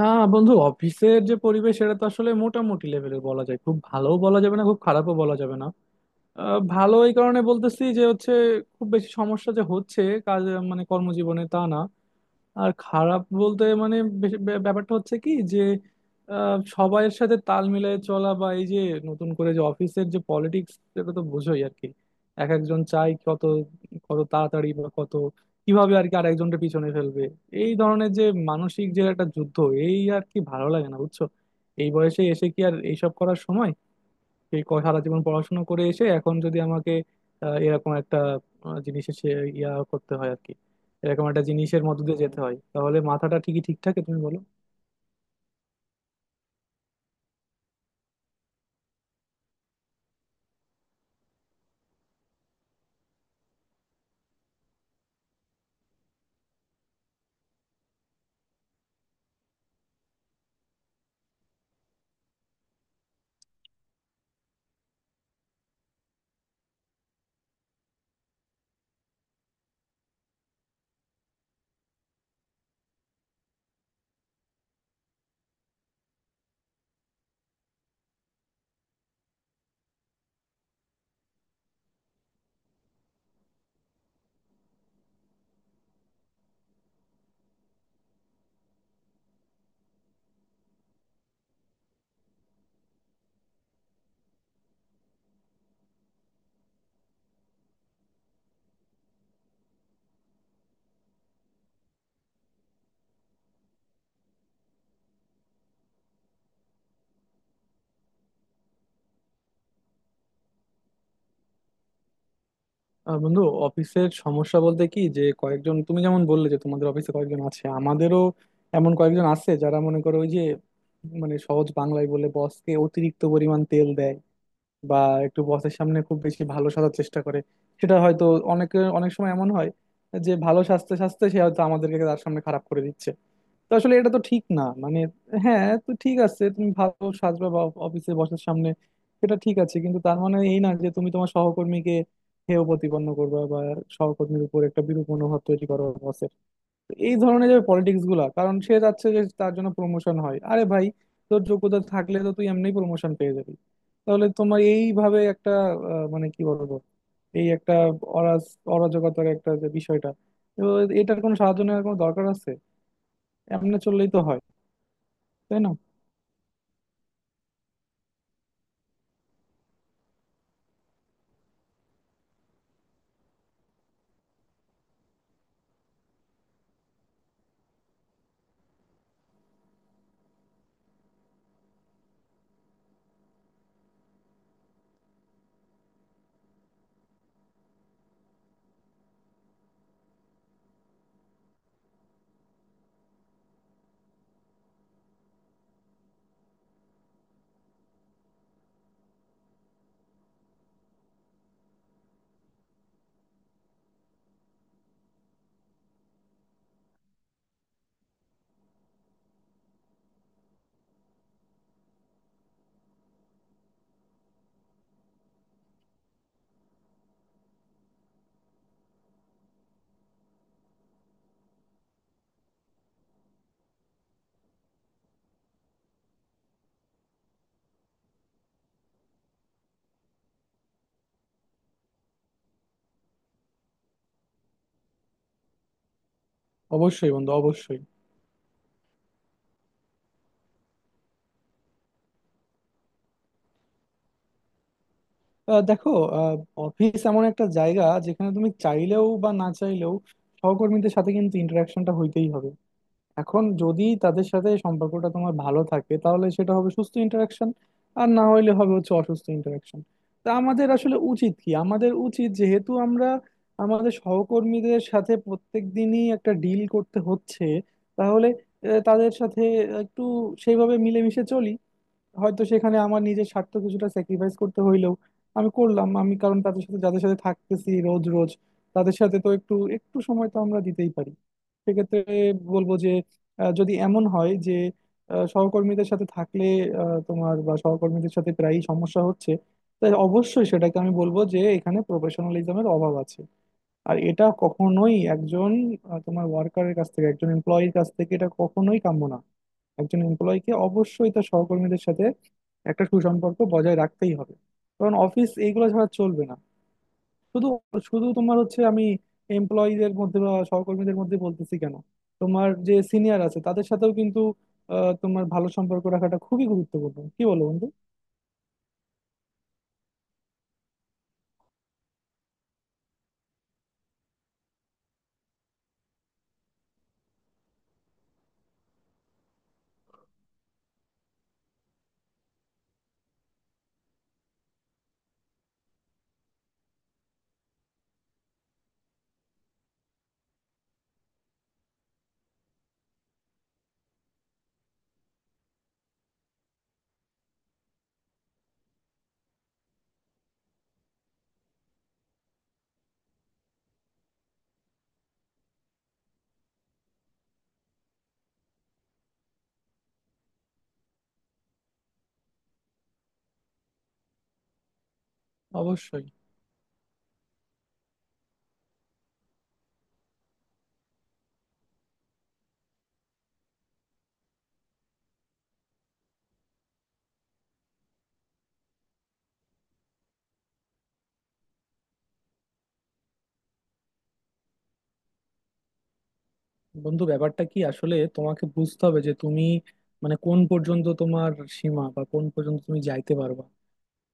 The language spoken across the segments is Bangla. বন্ধু, অফিসের যে পরিবেশ সেটা তো আসলে মোটামুটি লেভেলের বলা যায়, খুব ভালোও বলা যাবে না, খুব খারাপও বলা যাবে না। ভালো এই কারণে বলতেছি যে হচ্ছে খুব বেশি সমস্যা যে হচ্ছে কাজ মানে কর্মজীবনে তা না। আর খারাপ বলতে মানে ব্যাপারটা হচ্ছে কি যে সবাইয়ের সাথে তাল মিলিয়ে চলা, বা এই যে নতুন করে যে অফিসের যে পলিটিক্স সেটা তো বোঝোই আর কি। এক একজন চাই কত কত তাড়াতাড়ি বা কত কিভাবে আর কি আর একজনটা পিছনে ফেলবে। এই ধরনের যে মানসিক যে একটা যুদ্ধ, এই আর কি ভালো লাগে না বুঝছো। এই বয়সে এসে কি আর এইসব করার সময়? সারা জীবন পড়াশোনা করে এসে এখন যদি আমাকে এরকম একটা জিনিসের সে ইয়া করতে হয় আর কি, এরকম একটা জিনিসের মধ্যে দিয়ে যেতে হয়, তাহলে মাথাটা ঠিক থাকে তুমি বলো? বন্ধু, অফিসের সমস্যা বলতে কি যে কয়েকজন, তুমি যেমন বললে যে তোমাদের অফিসে কয়েকজন আছে, আমাদেরও এমন কয়েকজন আছে যারা মনে করো ওই যে মানে সহজ বাংলায় বলে বসকে অতিরিক্ত পরিমাণ তেল দেয়, বা একটু বসের সামনে খুব বেশি ভালো সাজার চেষ্টা করে। সেটা হয়তো অনেকে অনেক সময় এমন হয় যে ভালো সাজতে সাজতে সে হয়তো আমাদেরকে তার সামনে খারাপ করে দিচ্ছে। তো আসলে এটা তো ঠিক না মানে, হ্যাঁ তো ঠিক আছে, তুমি ভালো সাজবা বা অফিসে বসার সামনে, সেটা ঠিক আছে, কিন্তু তার মানে এই না যে তুমি তোমার সহকর্মীকে হেয় প্রতিপন্ন করবা বা সহকর্মীর উপর একটা বিরূপ মনোভাব তৈরি করো বসের। এই ধরনের যে পলিটিক্স গুলা, কারণ সে চাচ্ছে যে তার জন্য প্রমোশন হয়। আরে ভাই, তোর যোগ্যতা থাকলে তো তুই এমনি প্রমোশন পেয়ে যাবি। তাহলে তোমার এইভাবে একটা আহ, মানে কি বলবো এই একটা অরাজ অরাজকতার একটা যে বিষয়টা, তো এটার কোনো সাহায্য নেওয়ার কোনো দরকার আছে? এমনি চললেই তো হয়, তাই না? অবশ্যই বন্ধু, অবশ্যই। দেখো, আহ, অফিস এমন একটা জায়গা যেখানে তুমি চাইলেও বা না চাইলেও সহকর্মীদের সাথে কিন্তু ইন্টারাকশনটা হইতেই হবে। এখন যদি তাদের সাথে সম্পর্কটা তোমার ভালো থাকে তাহলে সেটা হবে সুস্থ ইন্টারাকশন, আর না হইলে হবে হচ্ছে অসুস্থ ইন্টারাকশন। তা আমাদের আসলে উচিত কি, আমাদের উচিত যেহেতু আমরা আমাদের সহকর্মীদের সাথে প্রত্যেক দিনই একটা ডিল করতে হচ্ছে, তাহলে তাদের সাথে একটু সেইভাবে মিলেমিশে চলি। হয়তো সেখানে আমার নিজের স্বার্থ কিছুটা স্যাক্রিফাইস করতে হইলেও আমি করলাম, আমি, কারণ তাদের সাথে যাদের সাথে থাকতেছি রোজ রোজ, তাদের সাথে তো একটু একটু সময় তো আমরা দিতেই পারি। সেক্ষেত্রে বলবো যে যদি এমন হয় যে সহকর্মীদের সাথে থাকলে তোমার বা সহকর্মীদের সাথে প্রায়ই সমস্যা হচ্ছে, তাই অবশ্যই সেটাকে আমি বলবো যে এখানে প্রফেশনালিজমের অভাব আছে। আর এটা কখনোই একজন তোমার ওয়ার্কারের কাছ থেকে, একজন এমপ্লয়ির কাছ থেকে এটা কখনোই কাম্য না। একজন এমপ্লয়িকে অবশ্যই তার সহকর্মীদের সাথে একটা সুসম্পর্ক বজায় রাখতেই হবে, কারণ অফিস এইগুলো ছাড়া চলবে না। শুধু শুধু তোমার হচ্ছে আমি এমপ্লয়ীদের মধ্যে বা সহকর্মীদের মধ্যে বলতেছি কেন, তোমার যে সিনিয়র আছে তাদের সাথেও কিন্তু তোমার ভালো সম্পর্ক রাখাটা খুবই গুরুত্বপূর্ণ। কি বলো বন্ধু? অবশ্যই বন্ধু, ব্যাপারটা কি আসলে তোমাকে বুঝতে হবে যে তুমি মানে কোন পর্যন্ত তোমার সীমা বা কোন পর্যন্ত তুমি যাইতে পারবা।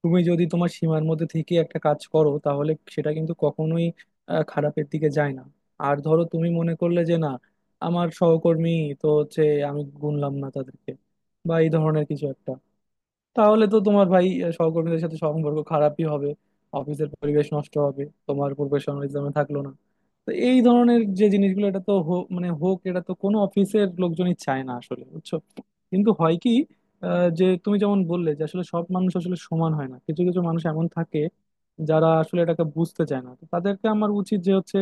তুমি যদি তোমার সীমার মধ্যে থেকে একটা কাজ করো তাহলে সেটা কিন্তু কখনোই খারাপের দিকে যায় না। আর ধরো তুমি মনে করলে যে না, আমার সহকর্মী তো হচ্ছে, আমি গুনলাম না তাদেরকে বা এই ধরনের কিছু একটা, তাহলে তো তোমার ভাই সহকর্মীদের সাথে সম্পর্ক খারাপই হবে, অফিসের পরিবেশ নষ্ট হবে, তোমার প্রফেশনালিজমে থাকলো না। তো এই ধরনের যে জিনিসগুলো, এটা তো হো- মানে হোক, এটা তো কোনো অফিসের লোকজনই চায় না আসলে, বুঝছো। কিন্তু হয় কি যে তুমি যেমন বললে যে আসলে সব মানুষ আসলে সমান হয় না, কিছু কিছু মানুষ এমন থাকে যারা আসলে এটাকে বুঝতে চায় না। তো তাদেরকে আমার উচিত যে হচ্ছে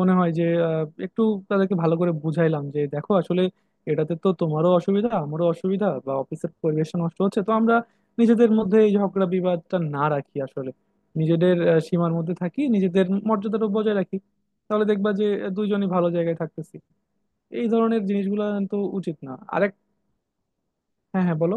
মনে হয় যে একটু তাদেরকে ভালো করে বুঝাইলাম যে দেখো আসলে এটাতে তো তোমারও অসুবিধা আমারও অসুবিধা, বা অফিসের পরিবেশ নষ্ট হচ্ছে, তো আমরা নিজেদের মধ্যে এই ঝগড়া বিবাদটা না রাখি আসলে, নিজেদের সীমার মধ্যে থাকি, নিজেদের মর্যাদাটা বজায় রাখি, তাহলে দেখবা যে দুইজনই ভালো জায়গায় থাকতেছি। এই ধরনের জিনিসগুলো তো উচিত না আরেক। হ্যাঁ হ্যাঁ, বলো।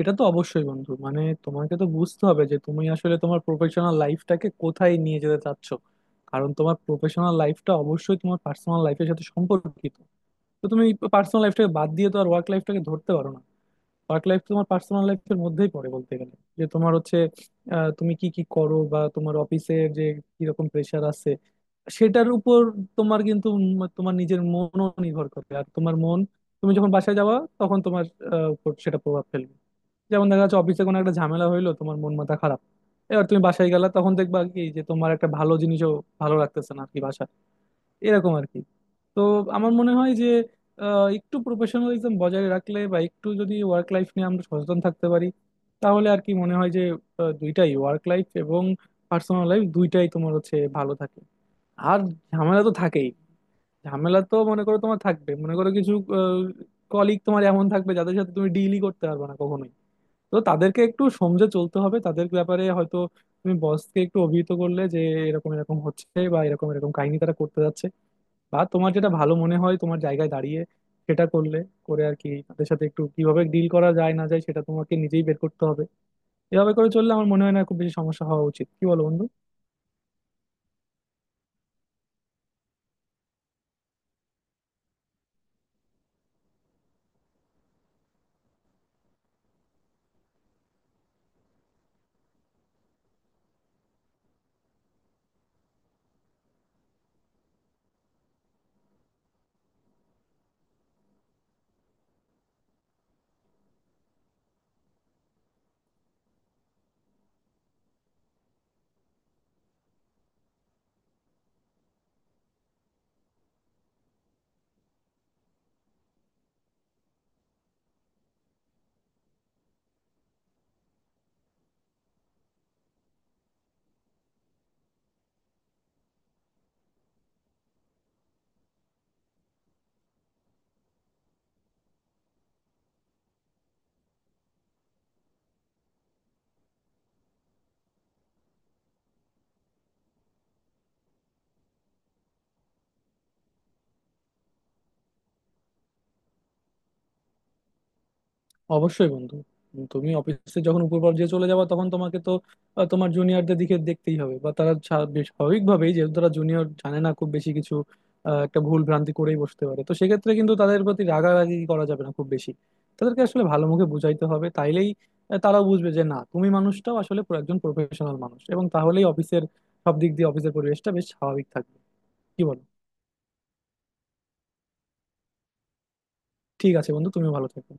এটা তো অবশ্যই বন্ধু, মানে তোমাকে তো বুঝতে হবে যে তুমি আসলে তোমার প্রফেশনাল লাইফটাকে কোথায় নিয়ে যেতে চাচ্ছ। কারণ তোমার প্রফেশনাল লাইফটা অবশ্যই তোমার পার্সোনাল লাইফের সাথে সম্পর্কিত। তো তুমি পার্সোনাল লাইফটাকে বাদ দিয়ে তো আর ওয়ার্ক লাইফটাকে ধরতে পারো না। ওয়ার্ক লাইফ তোমার পার্সোনাল লাইফের মধ্যেই পড়ে বলতে গেলে, যে তোমার হচ্ছে তুমি কি কি করো বা তোমার অফিসের যে কিরকম প্রেশার আছে সেটার উপর তোমার কিন্তু তোমার নিজের মনও নির্ভর করে। আর তোমার মন, তুমি যখন বাসায় যাওয়া তখন তোমার উপর সেটা প্রভাব ফেলবে। যেমন দেখা যাচ্ছে অফিসে কোনো একটা ঝামেলা হইলো, তোমার মন মাথা খারাপ, এবার তুমি বাসায় গেলা তখন দেখবা কি যে তোমার একটা ভালো জিনিসও ভালো লাগতেছে না আর কি, এরকম আর কি। তো আমার মনে হয় যে একটু প্রফেশনালিজম বজায় রাখলে বা একটু যদি ওয়ার্ক লাইফ নিয়ে আমরা সচেতন থাকতে পারি, তাহলে আর কি মনে হয় যে দুইটাই, ওয়ার্ক লাইফ এবং পার্সোনাল লাইফ দুইটাই তোমার হচ্ছে ভালো থাকে। আর ঝামেলা তো থাকেই, ঝামেলা তো মনে করো তোমার থাকবে, মনে করো কিছু কলিগ তোমার এমন থাকবে যাদের সাথে তুমি ডিলই করতে পারবে না কখনোই। তো তাদেরকে একটু সমঝে চলতে হবে। তাদের ব্যাপারে হয়তো তুমি বসকে একটু অভিহিত করলে যে এরকম এরকম হচ্ছে বা এরকম এরকম কাহিনী তারা করতে যাচ্ছে, বা তোমার যেটা ভালো মনে হয় তোমার জায়গায় দাঁড়িয়ে সেটা করলে, করে আর কি, তাদের সাথে একটু কিভাবে ডিল করা যায় না যায় সেটা তোমাকে নিজেই বের করতে হবে। এভাবে করে চললে আমার মনে হয় না খুব বেশি সমস্যা হওয়া উচিত। কি বলো বন্ধু? অবশ্যই বন্ধু, তুমি অফিসে যখন উপর পর্যায়ে চলে যাবা তখন তোমাকে তো তোমার জুনিয়রদের দিকে দেখতেই হবে। বা তারা বেশ স্বাভাবিকভাবেই যেহেতু তারা জুনিয়র, জানে না খুব বেশি কিছু, একটা ভুল ভ্রান্তি করেই বসতে পারে, তো সেক্ষেত্রে কিন্তু তাদের প্রতি রাগারাগি করা যাবে না খুব বেশি। তাদেরকে আসলে ভালো মুখে বুঝাইতে হবে, তাইলেই তারাও বুঝবে যে না তুমি মানুষটাও আসলে পুরো একজন প্রফেশনাল মানুষ, এবং তাহলেই অফিসের সব দিক দিয়ে অফিসের পরিবেশটা বেশ স্বাভাবিক থাকবে। কি বলো? ঠিক আছে বন্ধু, তুমিও ভালো থাকো।